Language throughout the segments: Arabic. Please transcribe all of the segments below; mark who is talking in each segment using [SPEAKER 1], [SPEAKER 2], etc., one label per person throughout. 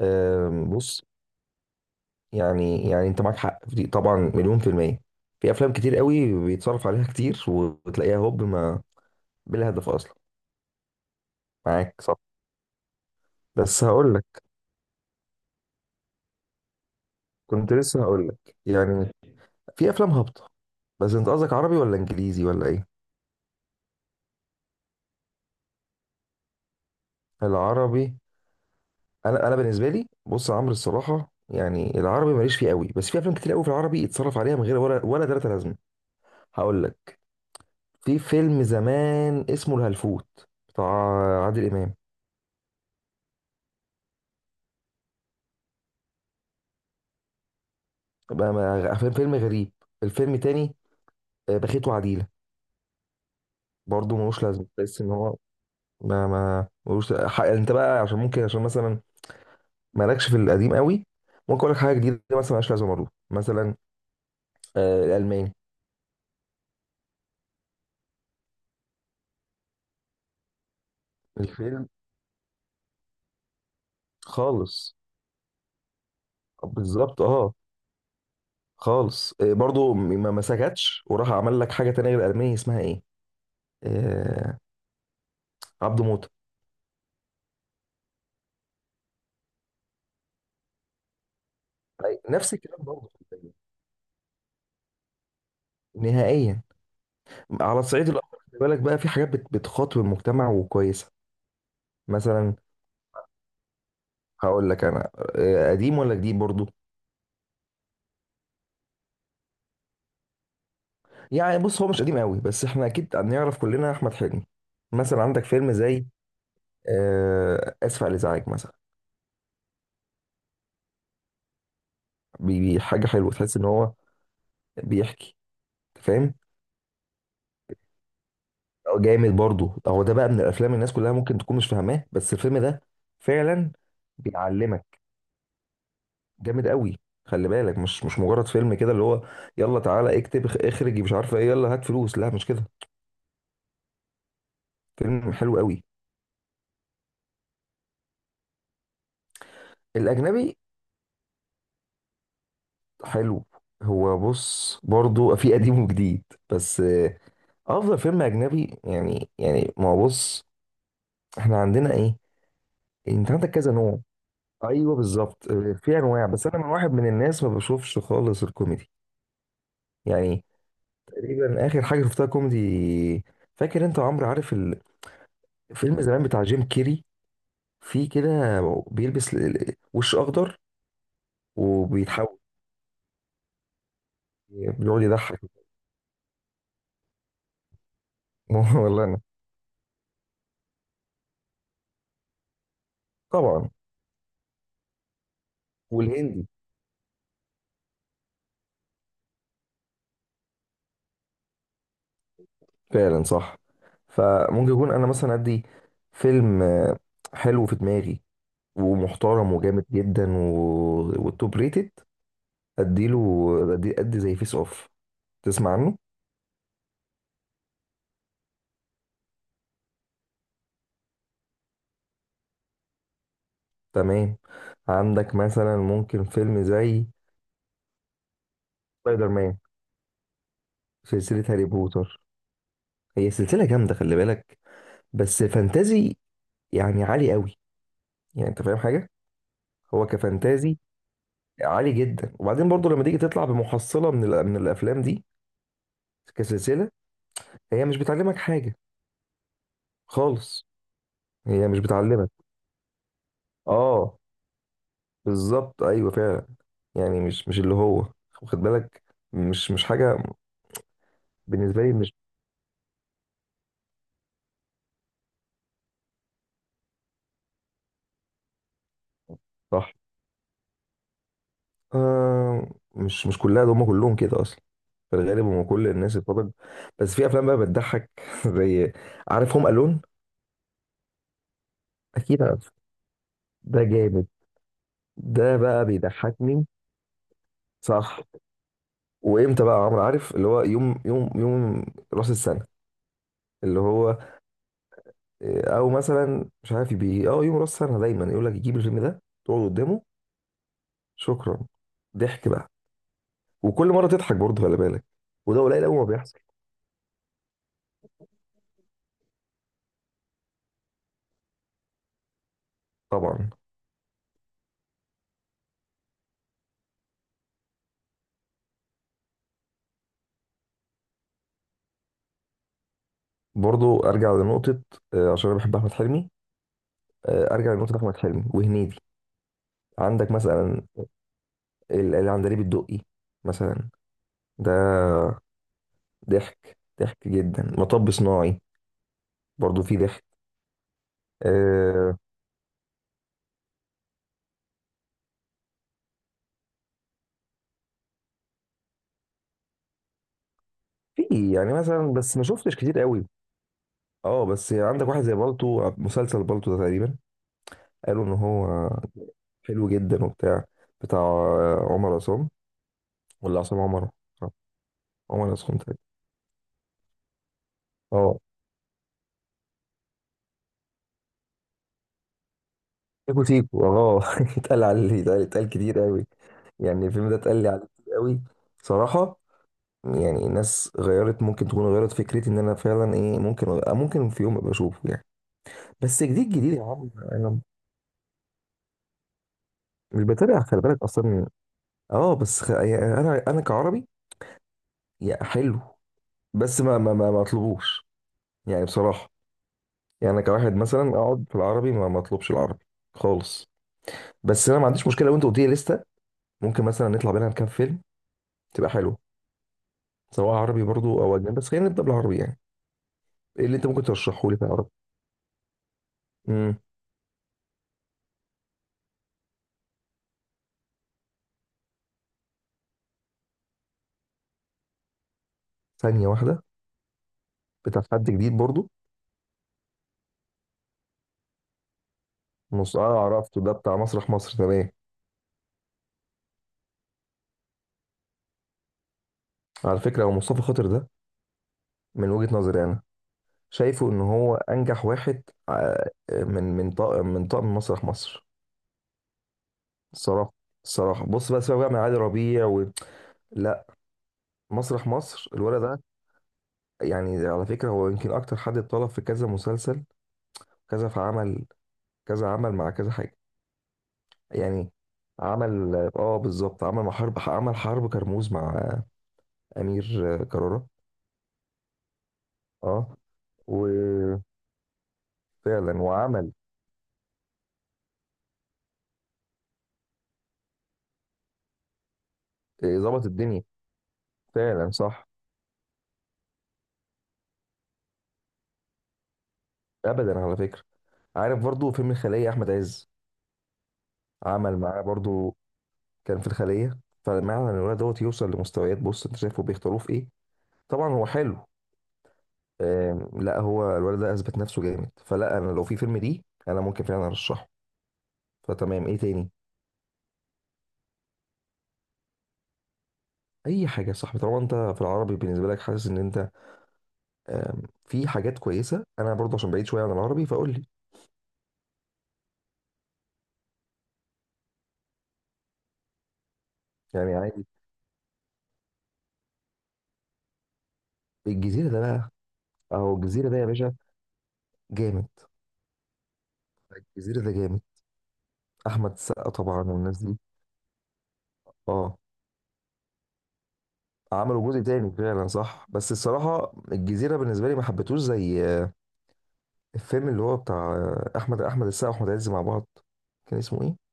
[SPEAKER 1] بص. يعني انت معاك حق في دي، طبعا مليون في المية. في افلام كتير قوي بيتصرف عليها كتير وتلاقيها هوب ما، بلا هدف اصلا. معاك صح. بس هقول لك، كنت لسه هقول لك يعني، في افلام هابطة. بس انت قصدك عربي ولا انجليزي ولا ايه؟ العربي. انا بالنسبة لي، بص يا عمرو، الصراحة يعني العربي ماليش فيه قوي، بس في افلام كتير قوي في العربي يتصرف عليها من غير ولا تلاتة لازمة. هقول لك، في فيلم زمان اسمه الهلفوت، بتاع عادل امام. بقى فيلم غريب. الفيلم تاني، بخيت وعديلة. برضه ملوش لازمة، تحس ان هو ما ملوش انت بقى عشان ممكن عشان مثلا مالكش في القديم قوي. ممكن اقول لك حاجة جديدة مثلا ملهاش لازمة برضه، مثلا الألماني الفيلم خالص. بالظبط اه. خالص. برضه ما سكتش وراح عمل لك حاجة تانية غير الألماني، اسمها ايه؟ آه، عبده موتة. نفس الكلام برضه، نهائيا. على الصعيد الآخر خلي بالك بقى، في حاجات بتخاطب المجتمع وكويسة، مثلا. هقول لك انا، قديم ولا جديد برضو؟ يعني بص، هو مش قديم قوي بس احنا اكيد هنعرف كلنا احمد حلمي. مثلا عندك فيلم زي اسف على الازعاج مثلا. حاجه حلوه، تحس ان هو بيحكي. فاهم. أو جامد برضو، هو ده بقى من الافلام الناس كلها ممكن تكون مش فاهماه، بس الفيلم ده فعلا بيعلمك، جامد قوي. خلي بالك، مش مجرد فيلم كده اللي هو يلا تعالى اكتب اخرج مش عارفه ايه، يلا هات فلوس، لا مش كده. فيلم حلو قوي. الاجنبي. حلو. هو بص برضو في قديم وجديد، بس افضل فيلم اجنبي يعني، ما هو بص احنا عندنا ايه؟ انت عندك كذا نوع. ايوه بالظبط، في انواع، بس انا من واحد من الناس ما بشوفش خالص الكوميدي. يعني تقريبا اخر حاجه شفتها كوميدي. فاكر انت يا عمرو؟ عارف الفيلم زمان بتاع جيم كيري؟ في كده بيلبس وش اخضر وبيتحول، بيقعد يضحك. والله انا طبعا. والهندي. فعلا صح. فممكن يكون انا مثلا عندي فيلم حلو في دماغي، ومحترم وجامد جدا و... والتوب ريتد، اديله ادي زي فيس اوف. تسمع عنه؟ تمام. عندك مثلا ممكن فيلم زي سبايدر مان. سلسلة هاري بوتر، هي سلسلة جامدة خلي بالك، بس فانتازي يعني عالي قوي، يعني انت فاهم حاجة. هو كفانتازي عالي جدا، وبعدين برضو لما تيجي تطلع بمحصلة من من الافلام دي كسلسلة، هي مش بتعلمك حاجة خالص. هي مش بتعلمك. اه بالظبط، ايوه فعلا. يعني مش اللي هو، واخد بالك، مش حاجه. بالنسبه لي مش صح. آه، مش كلها، ده هم كلهم كده اصلا، في الغالب هم كل الناس الفضل. بس في افلام بقى بتضحك، زي، عارف، هم الون. اكيد عارف، ده جامد، ده بقى بيضحكني. صح. وامتى بقى يا عمرو؟ عارف اللي هو يوم يوم يوم راس السنه، اللي هو او مثلا مش عارف، بي اه يوم راس سنه دايما يقول لك جيب الفيلم ده، تقعد قدامه. شكرا، ضحك بقى. وكل مره تضحك برضه خلي بالك، وده قليل قوي ما بيحصل. طبعا. برضه ارجع لنقطه، عشان انا بحب احمد حلمي. ارجع لنقطه احمد حلمي وهنيدي. عندك مثلا العندليب الدقي مثلا، ده ضحك ضحك جدا. مطب صناعي برضه فيه ضحك. آه، في يعني مثلا، بس ما شفتش كتير قوي. اه، بس عندك واحد زي بالطو، مسلسل بالطو ده تقريبا، قالوا ان هو حلو جدا، وبتاع بتاع عمر عصام ولا عصام عمر؟ عمر عصام تقريبا. اه. سيكو سيكو، اتقال عليه، اتقال كتير قوي. يعني الفيلم ده اتقال لي عليه كتير قوي، صراحة. يعني الناس غيرت، ممكن تكون غيرت فكرتي ان انا فعلا ايه، ممكن في يوم ابقى اشوفه يعني. بس جديد جديد يا عم انا مش بتابع خلي بالك اصلا. اه بس يعني انا كعربي يا حلو، بس ما اطلبوش يعني، بصراحة. يعني انا كواحد مثلا اقعد في العربي ما اطلبش العربي خالص. بس انا ما عنديش مشكله، لو انت قلت لي لسته، ممكن مثلا نطلع بينها كام فيلم، تبقى حلو. سواء عربي برضو او اجنبي، بس خلينا نبدا بالعربي يعني. ايه اللي انت ممكن ترشحه لي في العربي؟ امم ثانيه واحده، بتاع حد جديد برضو؟ اه، عرفته ده بتاع مسرح مصر، تمام. على فكره هو مصطفى خاطر ده، من وجهه نظري انا، شايفه ان هو انجح واحد، من طاقم مسرح مصر. الصراحه الصراحه بص بقى، سيبك بقى من علي ربيع لا، مسرح مصر الولد ده، يعني على فكرة هو يمكن أكتر حد اتطلب في كذا مسلسل، كذا في عمل، كذا عمل مع كذا حاجة. يعني عمل، بالظبط، عمل مع حرب، عمل حرب كرموز مع أمير كرارة. اه، وفعلا وعمل ظبط الدنيا، فعلا صح. أبدا، على فكرة، عارف برضو فيلم الخلية أحمد عز؟ عمل معاه برضو، كان في الخلية. فمعنى إن الولد دوت يوصل لمستويات، بص أنت شايفه بيختاروه في إيه. طبعا هو حلو. لا هو الولد ده اثبت نفسه جامد، فلا انا لو في فيلم دي انا ممكن فعلا ارشحه. فتمام، ايه تاني؟ اي حاجه يا صاحبي، طالما انت في العربي بالنسبه لك حاسس ان انت في حاجات كويسه. انا برضه عشان بعيد شويه عن العربي، فقول لي. يعني عادي. الجزيره ده بقى، اهو الجزيره ده يا باشا جامد. الجزيره ده جامد، احمد السقا طبعا والناس دي. اه، عملوا جزء تاني فعلا صح، بس الصراحه الجزيره بالنسبه لي ما حبيتهوش زي الفيلم اللي هو بتاع احمد السقا واحمد عز مع بعض. كان اسمه ايه؟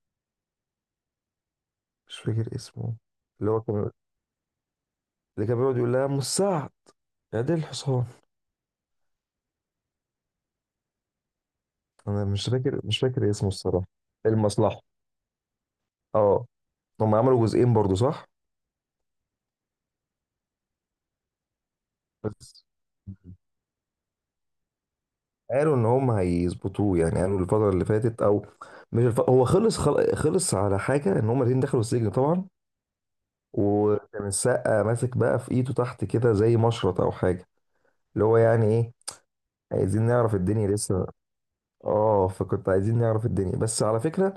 [SPEAKER 1] مش فاكر اسمه. اللي هو كان اللي كان بيقعد يقول لها ام السعد يا دي الحصان. انا مش فاكر اسمه الصراحه. المصلحه. اه، هم عملوا جزئين برضو صح؟ بس قالوا ان هم هيظبطوه، يعني قالوا الفتره اللي فاتت، او مش هو خلص على حاجه ان هم الاثنين دخلوا السجن طبعا، وكان السقا ماسك بقى في ايده تحت كده زي مشرط او حاجه، اللي هو يعني ايه، عايزين نعرف الدنيا لسه. اه، فكنت عايزين نعرف الدنيا. بس على فكره،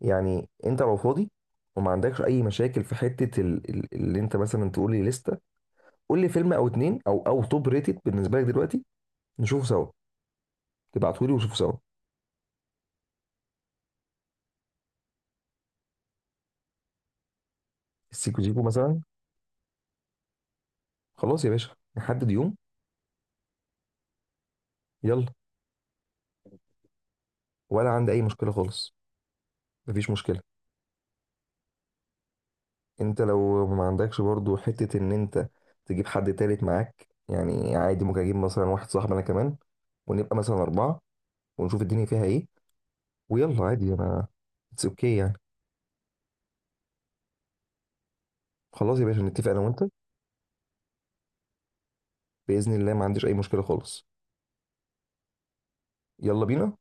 [SPEAKER 1] يعني انت لو فاضي وما عندكش اي مشاكل في حته اللي انت مثلا تقول لي لسته، قول لي فيلم او اتنين او توب ريتد بالنسبه لك دلوقتي، نشوفه سوا. تبعته لي ونشوفه سوا. السيكو زيكو مثلا. خلاص يا باشا، نحدد يوم. يلا، ولا عندي اي مشكله خالص، مفيش مشكله. انت لو ما عندكش برضو حته، ان انت تجيب حد تالت معاك يعني عادي، ممكن اجيب مثلا واحد صاحبي انا كمان، ونبقى مثلا اربعه، ونشوف الدنيا فيها ايه. ويلا عادي انا، اتس اوكي يعني. خلاص يا باشا نتفق انا وانت، بإذن الله، ما عنديش أي مشكلة خالص. يلا بينا.